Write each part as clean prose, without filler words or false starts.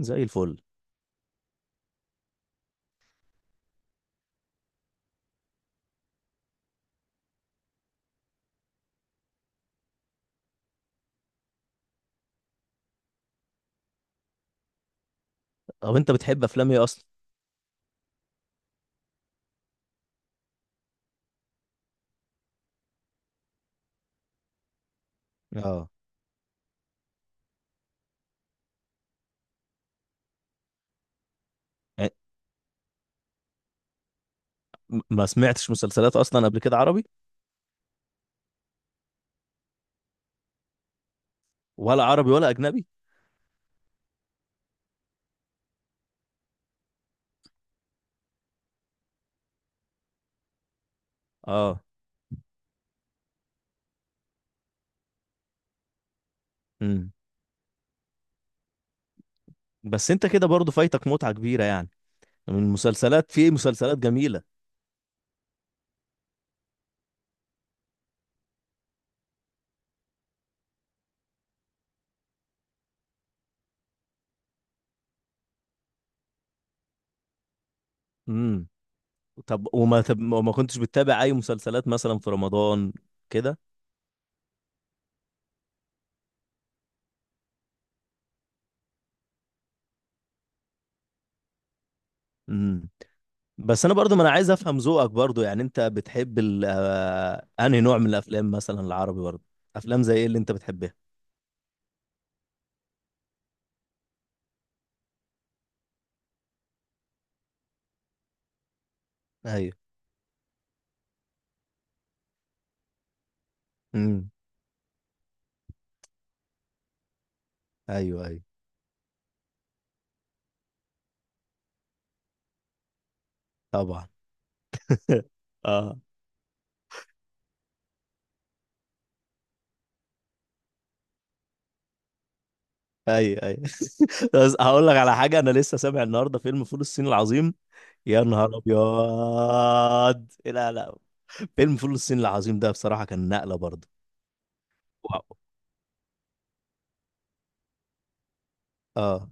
زي الفل. طب انت بتحب افلام ايه اصلا؟ اه، يعني ما سمعتش مسلسلات اصلا قبل كده عربي. ولا عربي ولا اجنبي. اه. امم. بس انت كده برضو فايتك متعة كبيرة، يعني من المسلسلات، في مسلسلات جميلة. امم. طب وما كنتش بتتابع اي مسلسلات مثلا في رمضان كده؟ امم. بس انا برضو، ما انا عايز افهم ذوقك برضو، يعني انت بتحب ال آه، انهي نوع من الافلام مثلا، العربي برضو؟ افلام زي ايه اللي انت بتحبها؟ ايوه. امم. ايوه ايوه. طبعا. اه. ايوه ايوه. بس هقول لك على حاجه، انا لسه سامع النهارده فيلم فول الصين العظيم. يا نهار ابيض. لا لا، فيلم فول الصين العظيم ده بصراحه كان نقله برضه. واو. اه.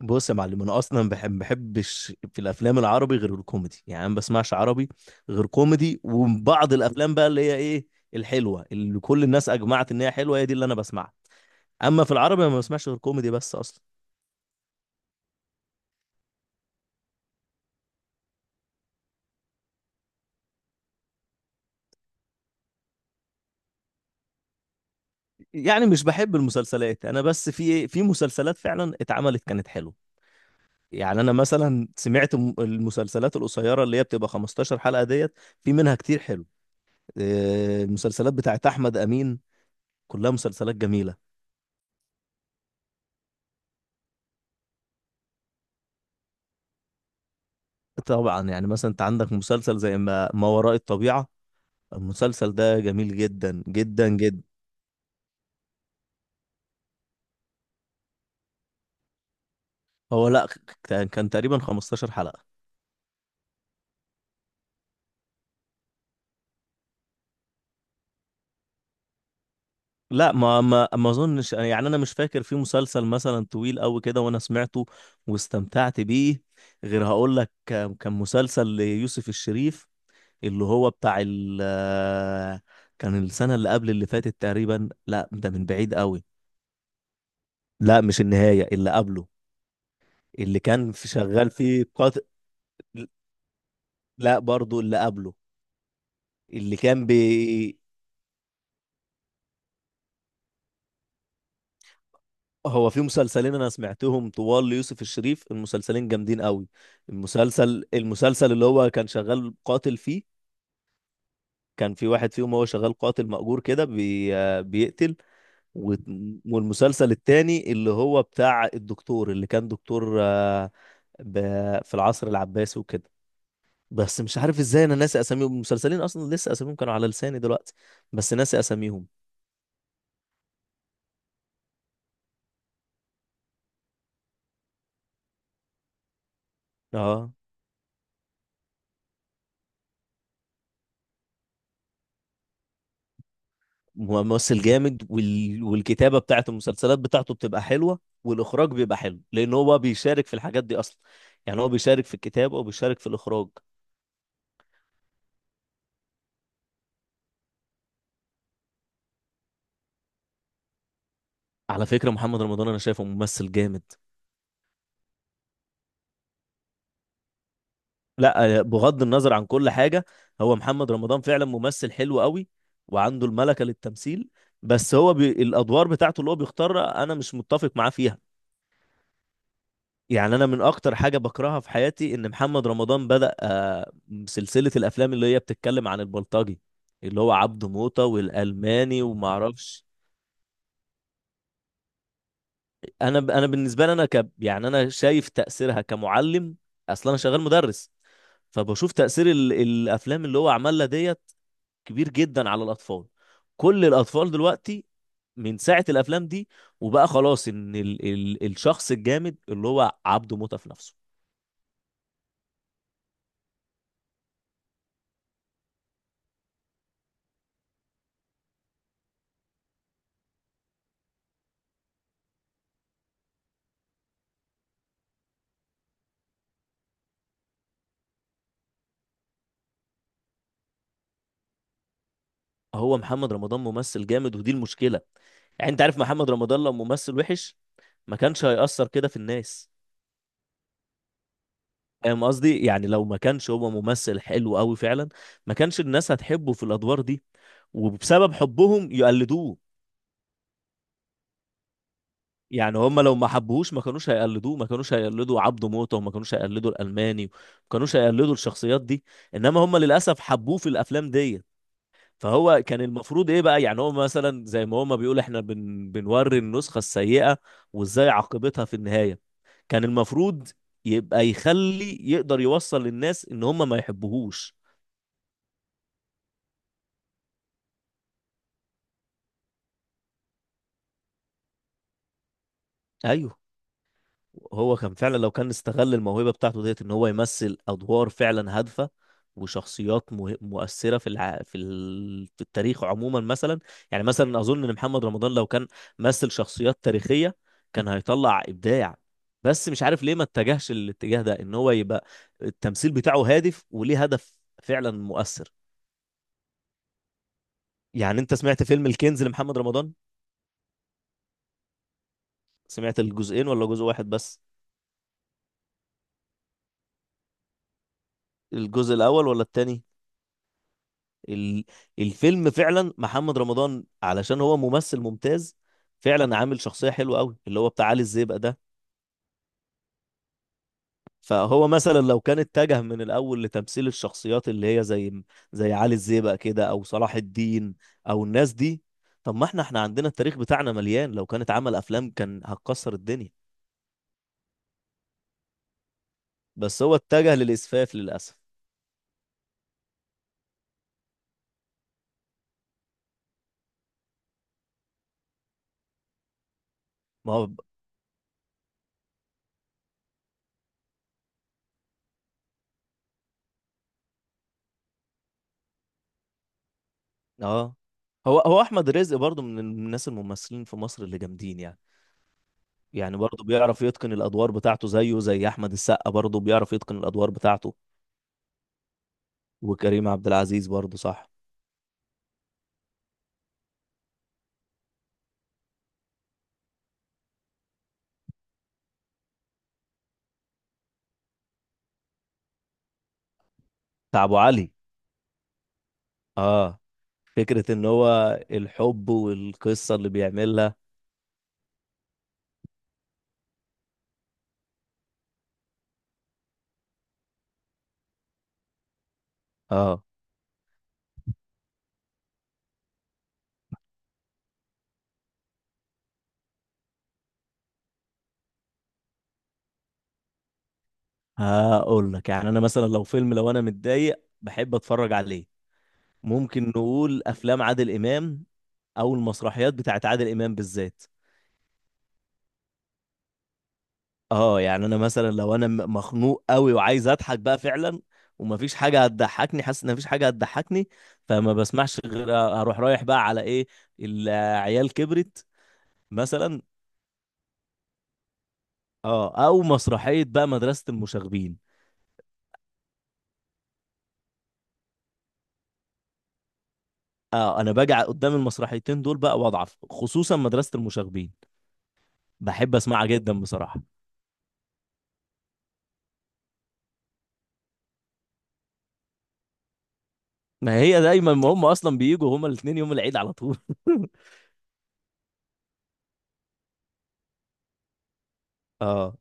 بص يا معلم، انا اصلا بحب، ما بحبش في الافلام العربي غير الكوميدي، يعني أنا ما بسمعش عربي غير كوميدي، وبعض الافلام بقى اللي هي ايه، الحلوه اللي كل الناس اجمعت ان هي حلوه، هي دي اللي انا بسمعها. اما في العربي أنا ما بسمعش غير كوميدي بس اصلا. يعني مش بحب المسلسلات انا، بس في مسلسلات فعلا اتعملت كانت حلوه. يعني انا مثلا سمعت المسلسلات القصيره اللي هي بتبقى 15 حلقه ديت، في منها كتير حلو. المسلسلات بتاعت احمد امين كلها مسلسلات جميله. طبعا، يعني مثلا انت عندك مسلسل زي ما وراء الطبيعه، المسلسل ده جميل جدا جدا جدا. هو لا، كان تقريبا 15 حلقه. لا، ما اظنش، يعني انا مش فاكر في مسلسل مثلا طويل قوي كده وانا سمعته واستمتعت بيه، غير هقول لك، كان مسلسل ليوسف الشريف اللي هو بتاع ال، كان السنة اللي قبل اللي فاتت تقريبا، لا ده من بعيد قوي. لا مش النهاية، اللي قبله، اللي كان في شغال فيه قاتل. لا برضو اللي قبله اللي كان بي. هو في مسلسلين انا سمعتهم طوال ليوسف الشريف، المسلسلين جامدين قوي. المسلسل اللي هو كان شغال قاتل فيه، كان في واحد فيهم هو شغال قاتل مأجور كده بي... آه، بيقتل. و- والمسلسل التاني اللي هو بتاع الدكتور اللي كان دكتور ب... في العصر العباسي وكده. بس مش عارف ازاي انا ناسي اساميهم، المسلسلين اصلا لسه اساميهم كانوا على لساني دلوقتي، بس ناسي اساميهم. اه، ممثل جامد والكتابه بتاعت المسلسلات بتاعته بتبقى حلوه، والاخراج بيبقى حلو لان هو بيشارك في الحاجات دي اصلا، يعني هو بيشارك في الكتابه وبيشارك في الاخراج. على فكره محمد رمضان انا شايفه ممثل جامد. لا بغض النظر عن كل حاجه، هو محمد رمضان فعلا ممثل حلو قوي وعنده الملكه للتمثيل، بس هو الادوار بتاعته اللي هو بيختارها انا مش متفق معاه فيها. يعني انا من اكتر حاجه بكرهها في حياتي ان محمد رمضان بدأ سلسله الافلام اللي هي بتتكلم عن البلطجي، اللي هو عبده موطة والالماني وما اعرفش. انا بالنسبه لي يعني انا شايف تاثيرها كمعلم، اصلا انا شغال مدرس، فبشوف تاثير الافلام اللي هو عملها ديت كبير جدا على الاطفال. كل الاطفال دلوقتي من ساعه الافلام دي وبقى خلاص ان الشخص الجامد اللي هو عبده موطة في نفسه. هو محمد رمضان ممثل جامد ودي المشكلة، يعني انت عارف محمد رمضان لو ممثل وحش ما كانش هيأثر كده في الناس. فاهم قصدي؟ يعني لو ما كانش هو ممثل حلو قوي فعلا، ما كانش الناس هتحبه في الادوار دي وبسبب حبهم يقلدوه. يعني هم لو ما حبوهوش ما كانوش هيقلدوه، ما كانوش هيقلدوا عبده موته وما كانوش هيقلدوا الالماني وما كانوش هيقلدوا الشخصيات دي، انما هم للاسف حبوه في الافلام ديت. فهو كان المفروض ايه بقى، يعني هو مثلا زي ما هما بيقول احنا بنوري النسخة السيئة وازاي عاقبتها في النهاية، كان المفروض يبقى يخلي، يقدر يوصل للناس ان هما ما يحبوهوش. ايوه. هو كان فعلا لو كان استغل الموهبة بتاعته ديت ان هو يمثل ادوار فعلا هادفة وشخصيات مؤثرة في الع... في ال... في التاريخ عموما مثلا. يعني مثلا اظن ان محمد رمضان لو كان مثل شخصيات تاريخية كان هيطلع ابداع، بس مش عارف ليه ما اتجهش للاتجاه ده، ان هو يبقى التمثيل بتاعه هادف وليه هدف فعلا مؤثر. يعني انت سمعت فيلم الكنز لمحمد رمضان؟ سمعت الجزئين ولا جزء واحد بس؟ الجزء الاول ولا التاني؟ ال- الفيلم فعلا محمد رمضان علشان هو ممثل ممتاز، فعلا عامل شخصية حلوة قوي اللي هو بتاع علي الزيبق ده. فهو مثلا لو كان اتجه من الأول لتمثيل الشخصيات اللي هي زي زي علي الزيبق كده، أو صلاح الدين أو الناس دي، طب ما احنا عندنا التاريخ بتاعنا مليان، لو كانت عمل أفلام كان هتكسر الدنيا. بس هو اتجه للإسفاف للأسف. ما هو اه. هو أحمد رزق برضو من الناس الممثلين في مصر اللي جامدين، يعني يعني برضه بيعرف يتقن الادوار بتاعته، زيه زي احمد السقا برضه بيعرف يتقن الادوار بتاعته. وكريم عبد العزيز برضه، صح. بتاع ابو علي. اه، فكره ان هو الحب والقصه اللي بيعملها. اه، هقول لك، يعني انا مثلا لو فيلم، لو انا متضايق بحب اتفرج عليه، ممكن نقول افلام عادل امام، او المسرحيات بتاعت عادل امام بالذات. اه، يعني انا مثلا لو انا مخنوق قوي وعايز اضحك بقى فعلا، ومفيش حاجه هتضحكني، حاسس ان مفيش حاجه هتضحكني، فما بسمعش غير، اروح رايح بقى على ايه، العيال كبرت مثلا. اه، او مسرحيه بقى مدرسه المشاغبين. اه، انا باجي قدام المسرحيتين دول بقى واضعف، خصوصا مدرسه المشاغبين بحب اسمعها جدا بصراحه. ما هي دايما ما هم اصلا بيجوا هما الاثنين يوم العيد على طول. اه،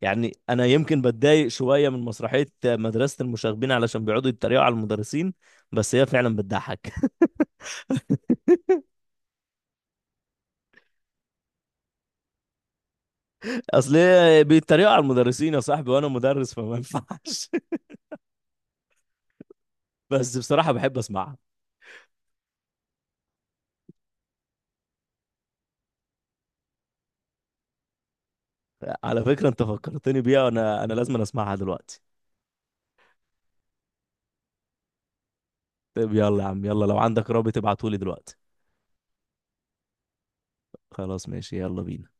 يعني انا يمكن بتضايق شويه من مسرحيه مدرسه المشاغبين علشان بيقعدوا يتريقوا على المدرسين، بس هي فعلا بتضحك. اصل هي بيتريقوا على المدرسين يا صاحبي وانا مدرس فما ينفعش. بس بصراحه بحب اسمعها. على فكره انت فكرتني بيها، وانا لازم اسمعها دلوقتي. طيب يلا يا عم، يلا لو عندك رابط ابعتهولي دلوقتي. خلاص ماشي، يلا بينا.